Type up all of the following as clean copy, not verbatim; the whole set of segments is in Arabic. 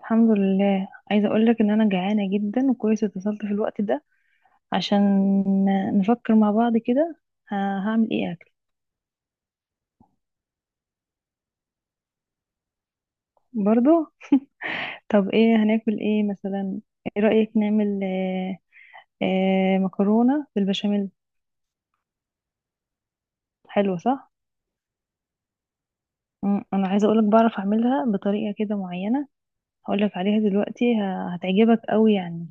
الحمد لله. عايزة أقولك إن أنا جعانة جدا وكويس اتصلت في الوقت ده عشان نفكر مع بعض كده. هعمل إيه أكل؟ برضو. طب إيه هناكل إيه مثلا؟ إيه رأيك نعمل مكرونة بالبشاميل؟ حلوة صح؟ أنا عايزة أقولك بعرف أعملها بطريقة كده معينة. هقولك عليها دلوقتي، هتعجبك أوي يعني.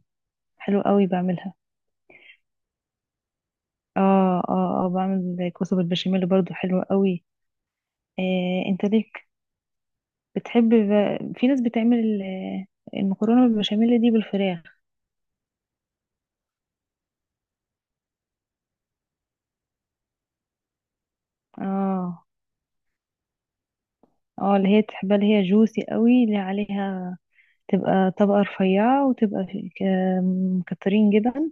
حلوة أوي بعملها. اه، بعمل كوسة بالبشاميل برضو، حلوة أوي. انت ليك، بتحب، في ناس بتعمل المكرونة بالبشاميل دي بالفراخ. اه اه اللي هي تحبها، اللي هي جوسي قوي، اللي عليها تبقى طبقة رفيعة، وتبقى مكترين جبن.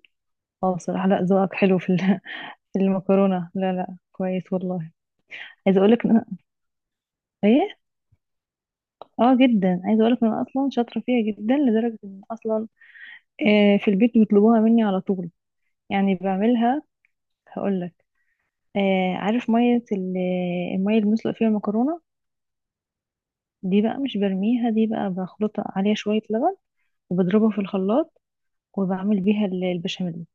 اه بصراحة لا، ذوقك حلو في في المكرونة. لا، كويس والله. عايزة اقولك ان أنا- ايه؟ اه جدا، عايزة اقولك ان انا اصلا شاطرة فيها جدا، لدرجة ان اصلا في البيت بيطلبوها مني على طول. يعني بعملها، هقولك. عارف مية المية اللي بنسلق فيها المكرونة دي؟ بقى مش برميها، دي بقى بخلطها، عليها شوية لبن، وبضربها في الخلاط، وبعمل بيها البشاميل.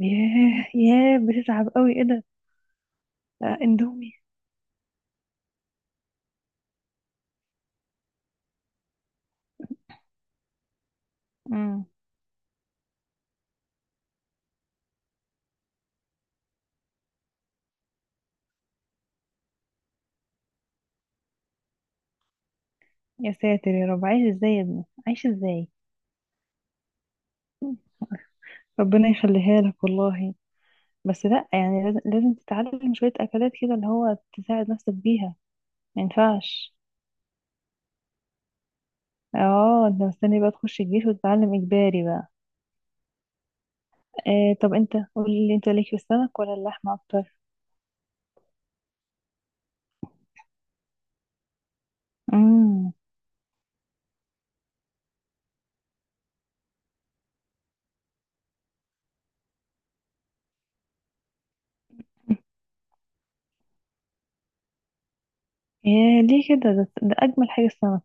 ياه، بتتعب قوي، ايه ده؟ اندومي. مم. يا ساتر يا رب، عايش ازاي يا ابني، عايش ازاي؟ مم. ربنا يخليها لك والله. بس لا يعني، لازم تتعلم شوية أكلات كده اللي هو تساعد نفسك بيها، ما ينفعش. اه، انت مستني بقى تخش الجيش وتتعلم إجباري بقى؟ آه طب انت قولي لي، انت ليك في السمك ولا اللحمة أكتر؟ مم. يا ليه كده، ده اجمل حاجه السمك.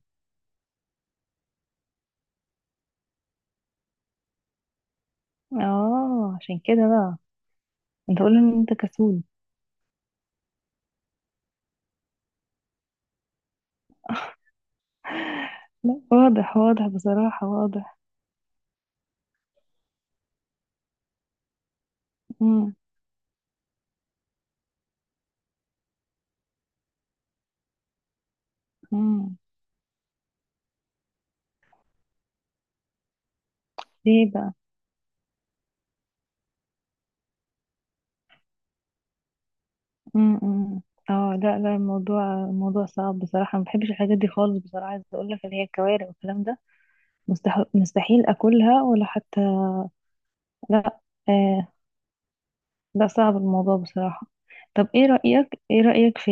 اه عشان كده بقى. انت قول ان انت كسول. لا واضح، واضح بصراحه، واضح. امم امم. ليه بقى؟ امم. إمم. اه لا لا، الموضوع صعب بصراحه، ما بحبش الحاجات دي خالص بصراحه. عايزه اقول لك اللي هي الكوارع والكلام ده، مستحيل اكلها، ولا حتى لا. آه لا، صعب الموضوع بصراحه. طب ايه رايك ايه رايك في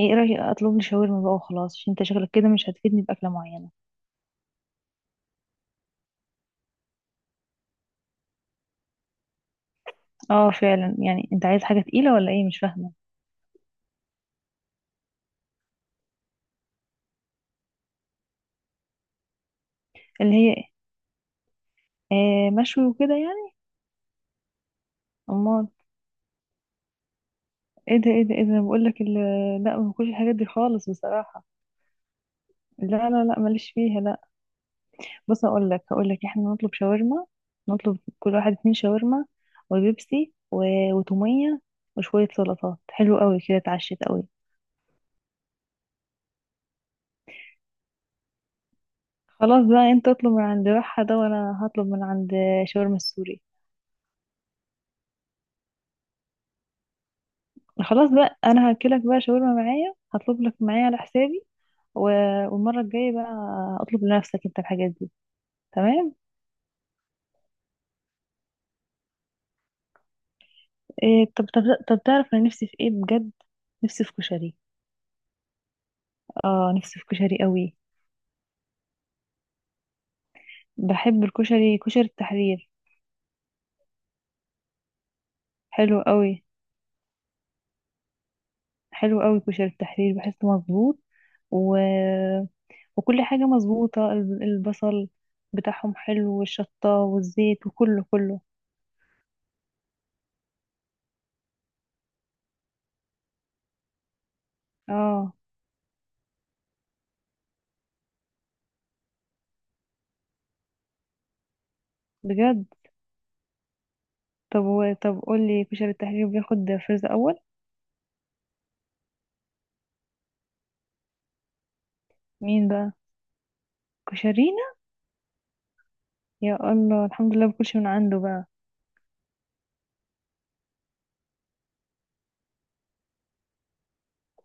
ايه رايك اطلب لي شاورما بقى وخلاص، عشان انت شكلك كده مش هتفيدني باكله معينه. اه فعلا، يعني انت عايز حاجة تقيلة ولا ايه، مش فاهمة. اللي هي مشوي وكده يعني؟ امال؟ ايه ده، بقول لك لا، ما باكلش الحاجات دي خالص بصراحة. لا، ماليش فيها، لا. بص اقول لك، هقول لك احنا نطلب شاورما، نطلب كل واحد اتنين شاورما، وبيبسي، و... وتومية، وشوية سلطات، حلو قوي كده اتعشت قوي. خلاص بقى، انت اطلب من عند بحة ده، وانا هطلب من عند شاورما السوري. خلاص بقى انا هاكلك بقى شاورما معايا، هطلب لك معايا على حسابي. و... والمره الجايه بقى اطلب لنفسك انت الحاجات دي. تمام. إيه، طب تعرف انا نفسي في ايه بجد؟ نفسي في كشري. اه نفسي في كشري قوي. بحب الكشري كشري التحرير. حلو قوي. حلو قوي كشري التحرير، بحسه مظبوط، و... وكل حاجه مظبوطه، البصل بتاعهم حلو، والشطه، والزيت، وكله كله. اه بجد. طب و... طب قول لي، كشري التحرير بياخد فاز اول؟ مين بقى؟ كشرينا؟ يا الله، الحمد لله باكلش من عنده بقى.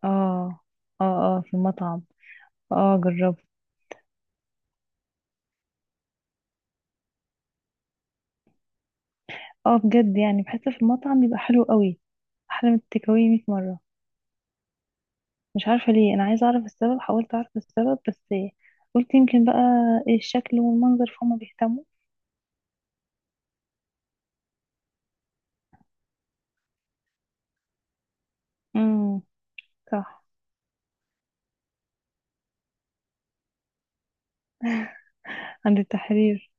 اه اه اه في المطعم. اه جربت. اه بجد، يعني بحس في المطعم بيبقى حلو قوي، احلى من التيك أواي 100 مره. مش عارفه ليه، انا عايزه اعرف السبب، حاولت اعرف السبب، بس قلت يمكن بقى الشكل والمنظر فهم بيهتموا. امم. صح. عند التحرير.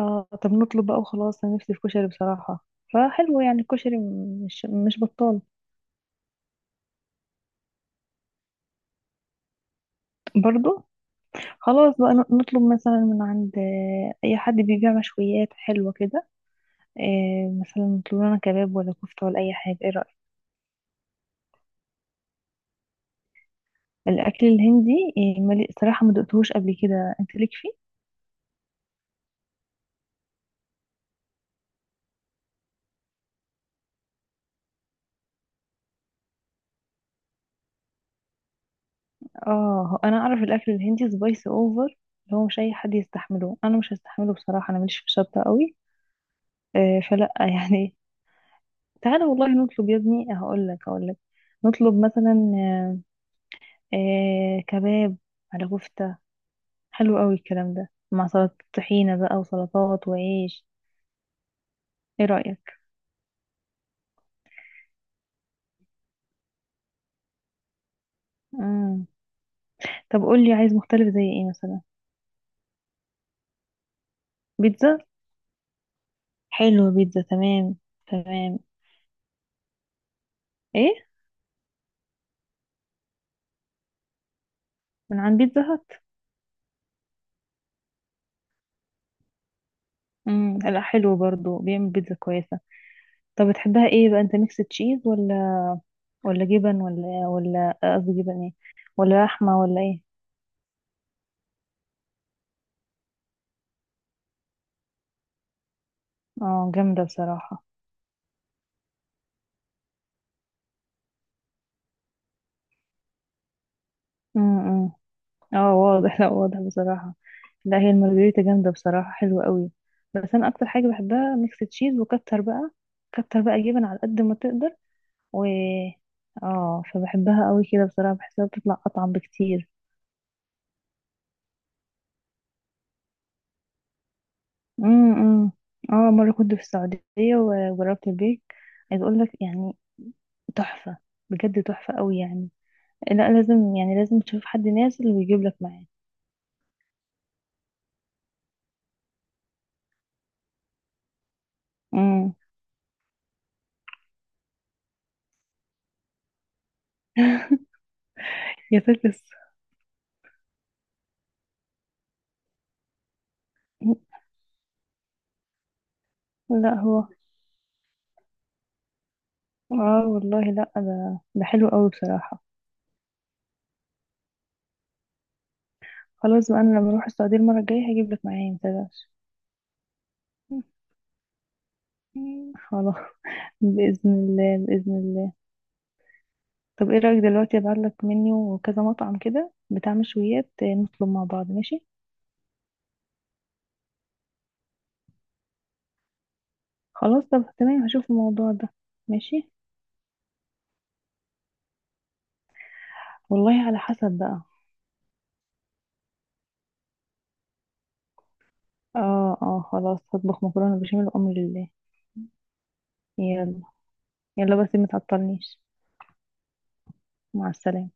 اه طب نطلب بقى وخلاص، انا نفسي في كشري بصراحه، فحلو يعني الكشري، مش مش بطال. برضو خلاص بقى، نطلب مثلا من عند اي حد بيبيع مشويات حلوة كده. مثلا نطلب لنا كباب، ولا كفتة، ولا اي حاجة، ايه رأيك؟ الاكل الهندي؟ صراحة ما دقتهوش قبل كده، انت ليك فيه؟ اه هو انا اعرف الاكل الهندي سبايسي اوفر، اللي هو مش اي حد يستحمله، انا مش هستحمله بصراحة، انا ماليش في الشطة قوي، فلا يعني. تعالى والله نطلب يا ابني، هقول لك نطلب مثلا كباب على كفتة، حلو قوي الكلام ده مع سلطة طحينة بقى، وسلطات، وعيش. ايه رأيك؟ مم. طب قولي عايز مختلف زي ايه مثلا؟ بيتزا؟ حلو بيتزا، تمام. تمام. ايه؟ من عند بيتزا هات. مم. لا حلو برضو، بيعمل بيتزا كويسة. طب بتحبها ايه بقى انت، ميكس تشيز ولا، ولا جبن، ولا، ولا قصدي جبن ايه، ولا لحمة ولا ايه؟ اه جامدة بصراحة. مم. اه واضح، لا واضح بصراحة. لا هي المارجريتا جامدة بصراحة، حلوة قوي. بس أنا أكتر حاجة بحبها ميكس تشيز، وكتر بقى، كتر بقى جبن على قد ما تقدر. و اه فبحبها قوي كده بصراحة، بحسها بتطلع أطعم بكتير. امم. اه مرة كنت في السعودية وجربت البيك، عايز أقول لك يعني، تحفة، بجد تحفة قوي يعني. لا لازم يعني، لازم تشوف حد نازل ويجيب لك معاه. امم. يا فاكس. لا هو اه والله لا، ده حلو قوي بصراحة. خلاص بقى، انا لما اروح السعودية المرة الجاية هجيب لك معايا، متقلقش. خلاص. بإذن الله. طب ايه رأيك دلوقتي ابعت لك منيو، وكذا مطعم كده بتاع مشويات، نطلب مع بعض، ماشي؟ خلاص طب تمام، هشوف الموضوع ده. ماشي. والله على حسب بقى. اه خلاص هطبخ مكرونة بشاميل، وأمر لله. يلا. يلا بس ما تعطلنيش. مع السلامة.